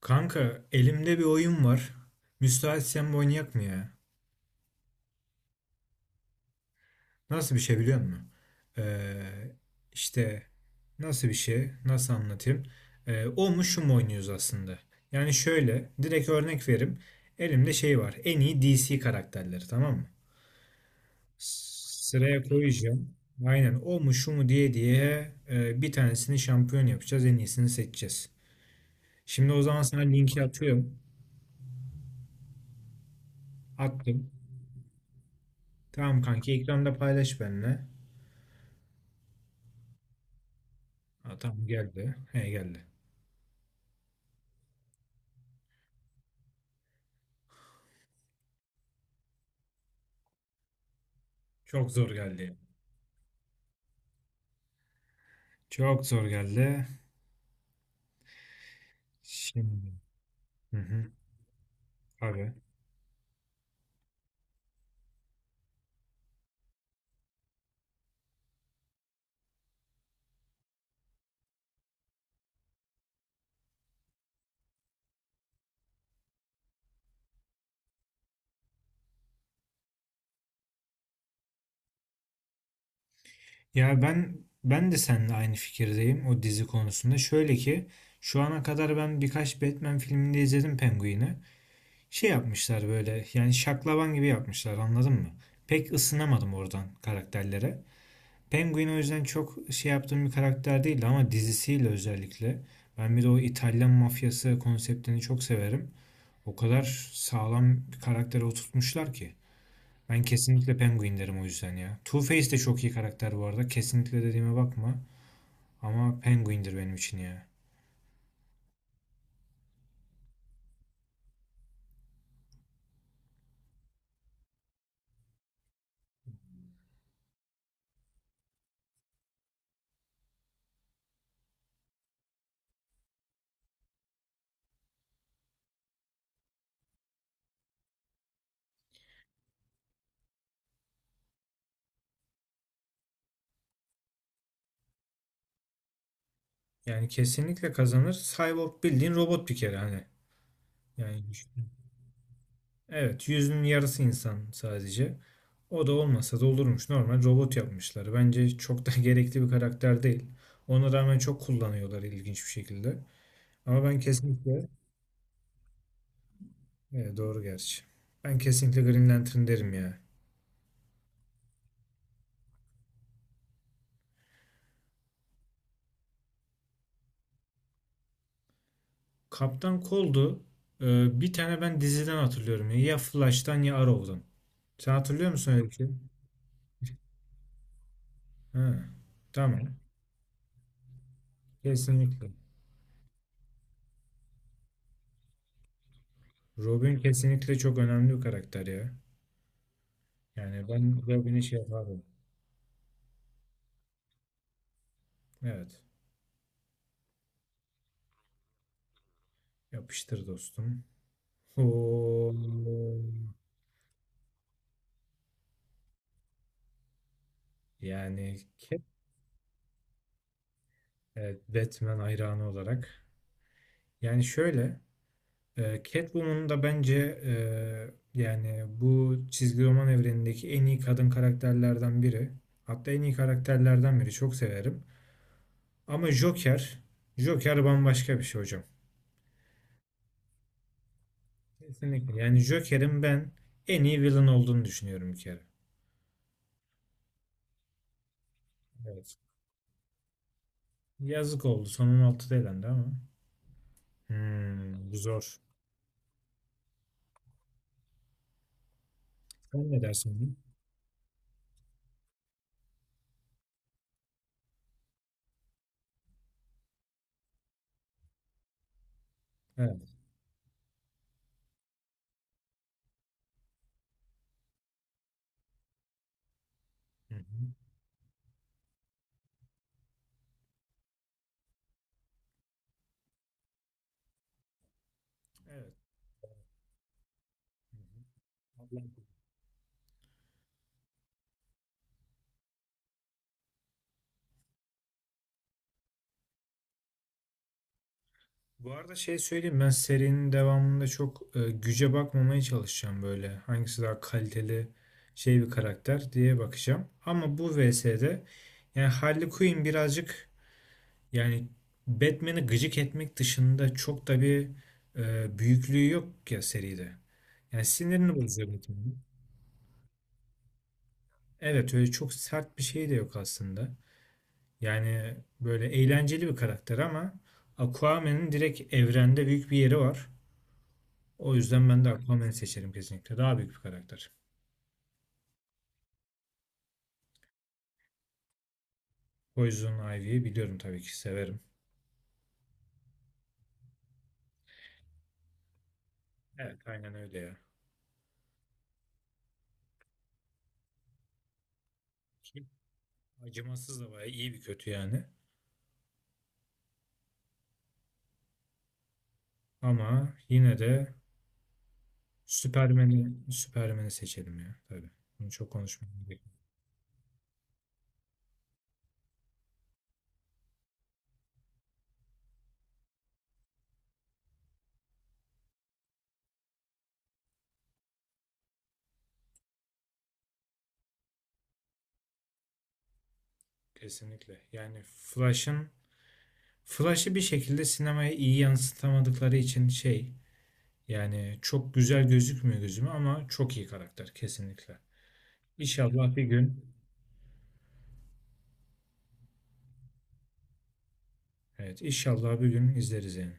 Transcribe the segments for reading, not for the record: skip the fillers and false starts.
Kanka elimde bir oyun var. Müsaitsen bu oynayak mı ya? Nasıl bir şey biliyor musun? Ee, işte nasıl bir şey? Nasıl anlatayım? O mu şu mu oynuyoruz aslında? Yani şöyle direkt örnek verim. Elimde şey var. En iyi DC karakterleri tamam mı? Sıraya koyacağım. Aynen o mu şu mu diye diye bir tanesini şampiyon yapacağız. En iyisini seçeceğiz. Şimdi o zaman sana linki atıyorum. Attım. Tamam kanki ekranda paylaş benimle. Ha, tamam geldi. He geldi. Çok zor geldi. Çok zor geldi. Şimdi. Hı hı. Abi. Ya ben de seninle aynı fikirdeyim o dizi konusunda. Şöyle ki şu ana kadar ben birkaç Batman filminde izledim Penguin'i. Şey yapmışlar böyle yani şaklaban gibi yapmışlar anladın mı? Pek ısınamadım oradan karakterlere. Penguin o yüzden çok şey yaptığım bir karakter değildi ama dizisiyle özellikle. Ben bir de o İtalyan mafyası konseptini çok severim. O kadar sağlam bir karaktere oturtmuşlar ki. Ben kesinlikle Penguin derim o yüzden ya. Two-Face de çok iyi karakter bu arada. Kesinlikle dediğime bakma. Ama Penguin'dir benim için ya. Yani kesinlikle kazanır. Cyborg bildiğin robot bir kere hani. Yani evet, yüzünün yarısı insan sadece. O da olmasa da olurmuş. Normal robot yapmışlar. Bence çok da gerekli bir karakter değil. Ona rağmen çok kullanıyorlar ilginç bir şekilde. Ama ben kesinlikle... Evet, doğru gerçi. Ben kesinlikle Green Lantern derim ya. Kaptan Cold'u bir tane ben diziden hatırlıyorum. Ya Flash'tan ya Arrow'dan. Sen hatırlıyor musun öyle bir şey? Ha, tamam. Kesinlikle. Robin kesinlikle çok önemli bir karakter ya. Yani ben Robin'e şey yapardım. Evet. Yapıştır dostum. Oo. Yani ke- evet, Batman hayranı olarak. Yani şöyle Catwoman da bence yani bu çizgi roman evrenindeki en iyi kadın karakterlerden biri. Hatta en iyi karakterlerden biri. Çok severim. Ama Joker, Joker bambaşka bir şey hocam. Kesinlikle. Yani Joker'in ben en iyi villain olduğunu düşünüyorum bir kere. Evet. Yazık oldu. Sonun altıda elendi ama. Hmm, bu zor. Sen ne dersin? Evet. Hı hı. Evet. Hı hı. Bu arada şey söyleyeyim ben serinin devamında çok güce bakmamaya çalışacağım böyle. Hangisi daha kaliteli şey bir karakter diye bakacağım. Ama bu VS'de yani Harley Quinn birazcık yani Batman'i gıcık etmek dışında çok da bir büyüklüğü yok ya seride. Yani sinirini bozuyor Batman'in. Evet öyle çok sert bir şey de yok aslında. Yani böyle eğlenceli bir karakter ama Aquaman'ın direkt evrende büyük bir yeri var. O yüzden ben de Aquaman'ı seçerim kesinlikle. Daha büyük bir karakter. Poison Ivy'yi biliyorum tabii ki severim. Evet aynen öyle ya. Ki acımasız da bayağı iyi bir kötü yani. Ama yine de Superman'i seçelim ya tabii. Bunu çok konuşmaya gerek. Kesinlikle. Flash'ı bir şekilde sinemaya iyi yansıtamadıkları için şey yani çok güzel gözükmüyor gözüme ama çok iyi karakter kesinlikle. İnşallah bir gün evet, inşallah bir gün izleriz yani.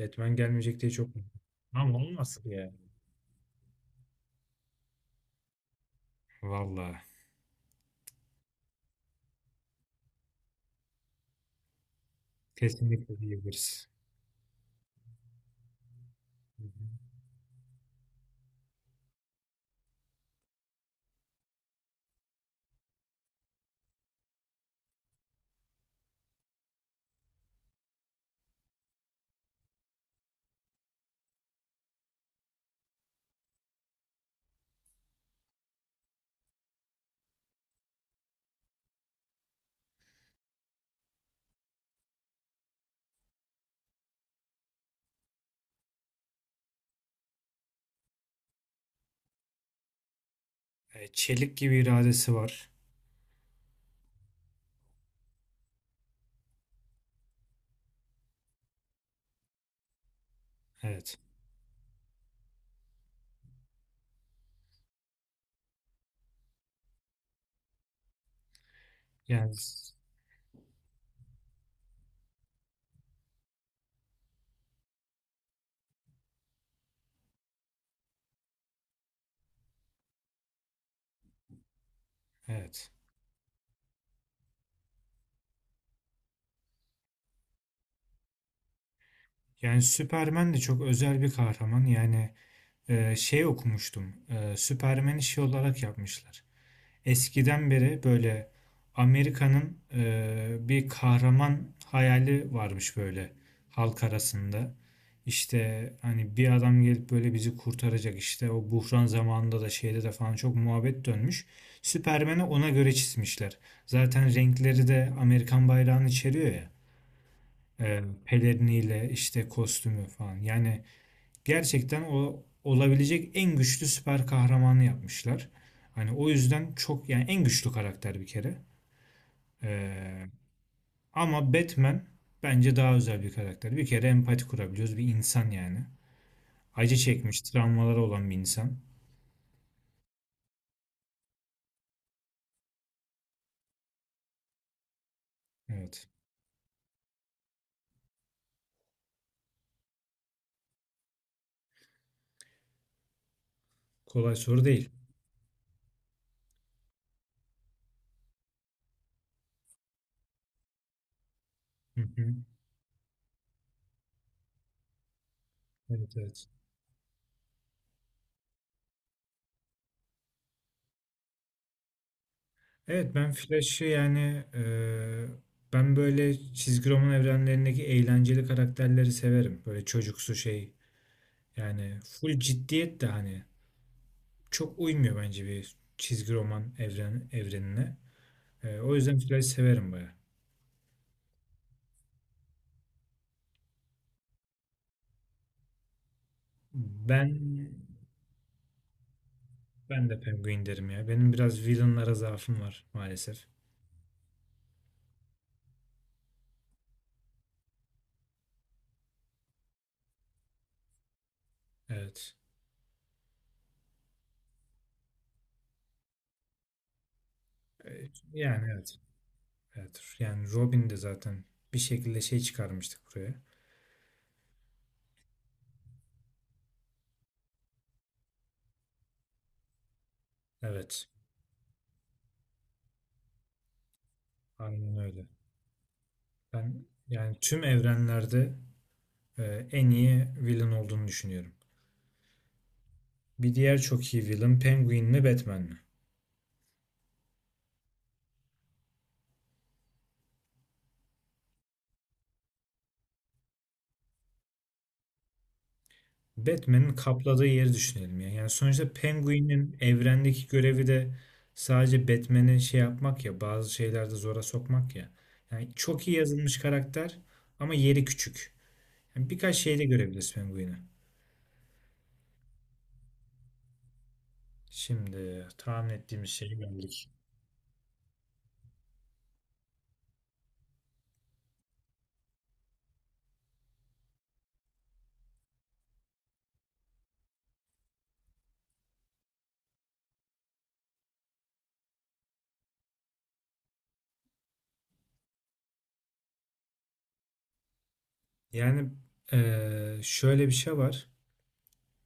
Batman gelmeyecek diye çok mutluyum. Ama olmasın ya. Valla. Kesinlikle diyebiliriz. Hı hı. E, çelik gibi iradesi var. Evet. Yani evet. Yani Superman de çok özel bir kahraman. Yani şey okumuştum. Superman'i şey olarak yapmışlar. Eskiden beri böyle Amerika'nın bir kahraman hayali varmış böyle halk arasında. İşte hani bir adam gelip böyle bizi kurtaracak işte o buhran zamanında da şeyde de falan çok muhabbet dönmüş. Süpermen'i ona göre çizmişler. Zaten renkleri de Amerikan bayrağını içeriyor ya. Peleriniyle işte kostümü falan. Yani gerçekten o olabilecek en güçlü süper kahramanı yapmışlar. Hani o yüzden çok yani en güçlü karakter bir kere. Ee, ama Batman bence daha özel bir karakter. Bir kere empati kurabiliyoruz. Bir insan yani. Acı çekmiş, travmaları olan bir insan. Evet. Kolay soru değil. Hı hı. Evet, evet. Evet, ben Flash'ı ben böyle çizgi roman evrenlerindeki eğlenceli karakterleri severim. Böyle çocuksu şey yani full ciddiyet de hani çok uymuyor bence bir çizgi roman evrenine. O yüzden Flash severim baya. Ben ben de Penguin derim ya. Benim biraz villainlara zaafım var maalesef. Evet. Yani evet. Evet. Yani Robin de zaten bir şekilde şey çıkarmıştık buraya. Evet. Aynen öyle. Ben yani tüm evrenlerde en iyi villain olduğunu düşünüyorum. Bir diğer çok iyi villain Penguin mi Batman mi? Batman'in kapladığı yeri düşünelim ya. Yani sonuçta Penguin'in evrendeki görevi de sadece Batman'i şey yapmak ya, bazı şeylerde zora sokmak ya. Yani çok iyi yazılmış karakter ama yeri küçük. Yani birkaç şeyde görebiliriz Penguin'i. Şimdi tahmin ettiğimiz şeye geldik. Yani şöyle bir şey var.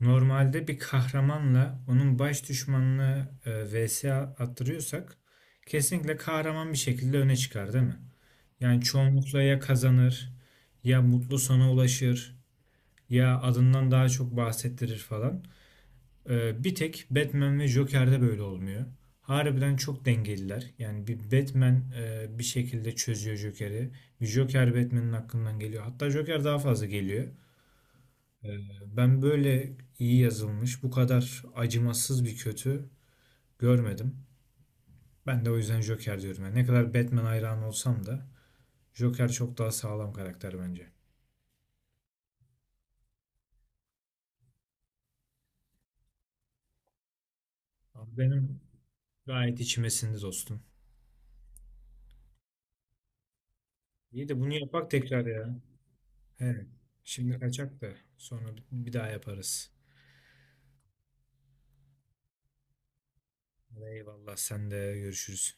Normalde bir kahramanla onun baş düşmanını vs attırıyorsak kesinlikle kahraman bir şekilde öne çıkar değil mi? Yani çoğunlukla ya kazanır ya mutlu sana ulaşır ya adından daha çok bahsettirir falan. Bir tek Batman ve Joker'de böyle olmuyor. Harbiden çok dengeliler. Yani bir Batman bir şekilde çözüyor Joker'i. Bir Joker Batman'in hakkından geliyor. Hatta Joker daha fazla geliyor. Ee, ben böyle iyi yazılmış, bu kadar acımasız bir kötü görmedim. Ben de o yüzden Joker diyorum. Yani ne kadar Batman hayranı olsam da Joker çok daha sağlam karakter bence. Ama benim gayet içimesinde dostum. İyi de bunu yapak tekrar ya. He. Şimdi kaçak da sonra bir daha yaparız. Eyvallah, sen de görüşürüz.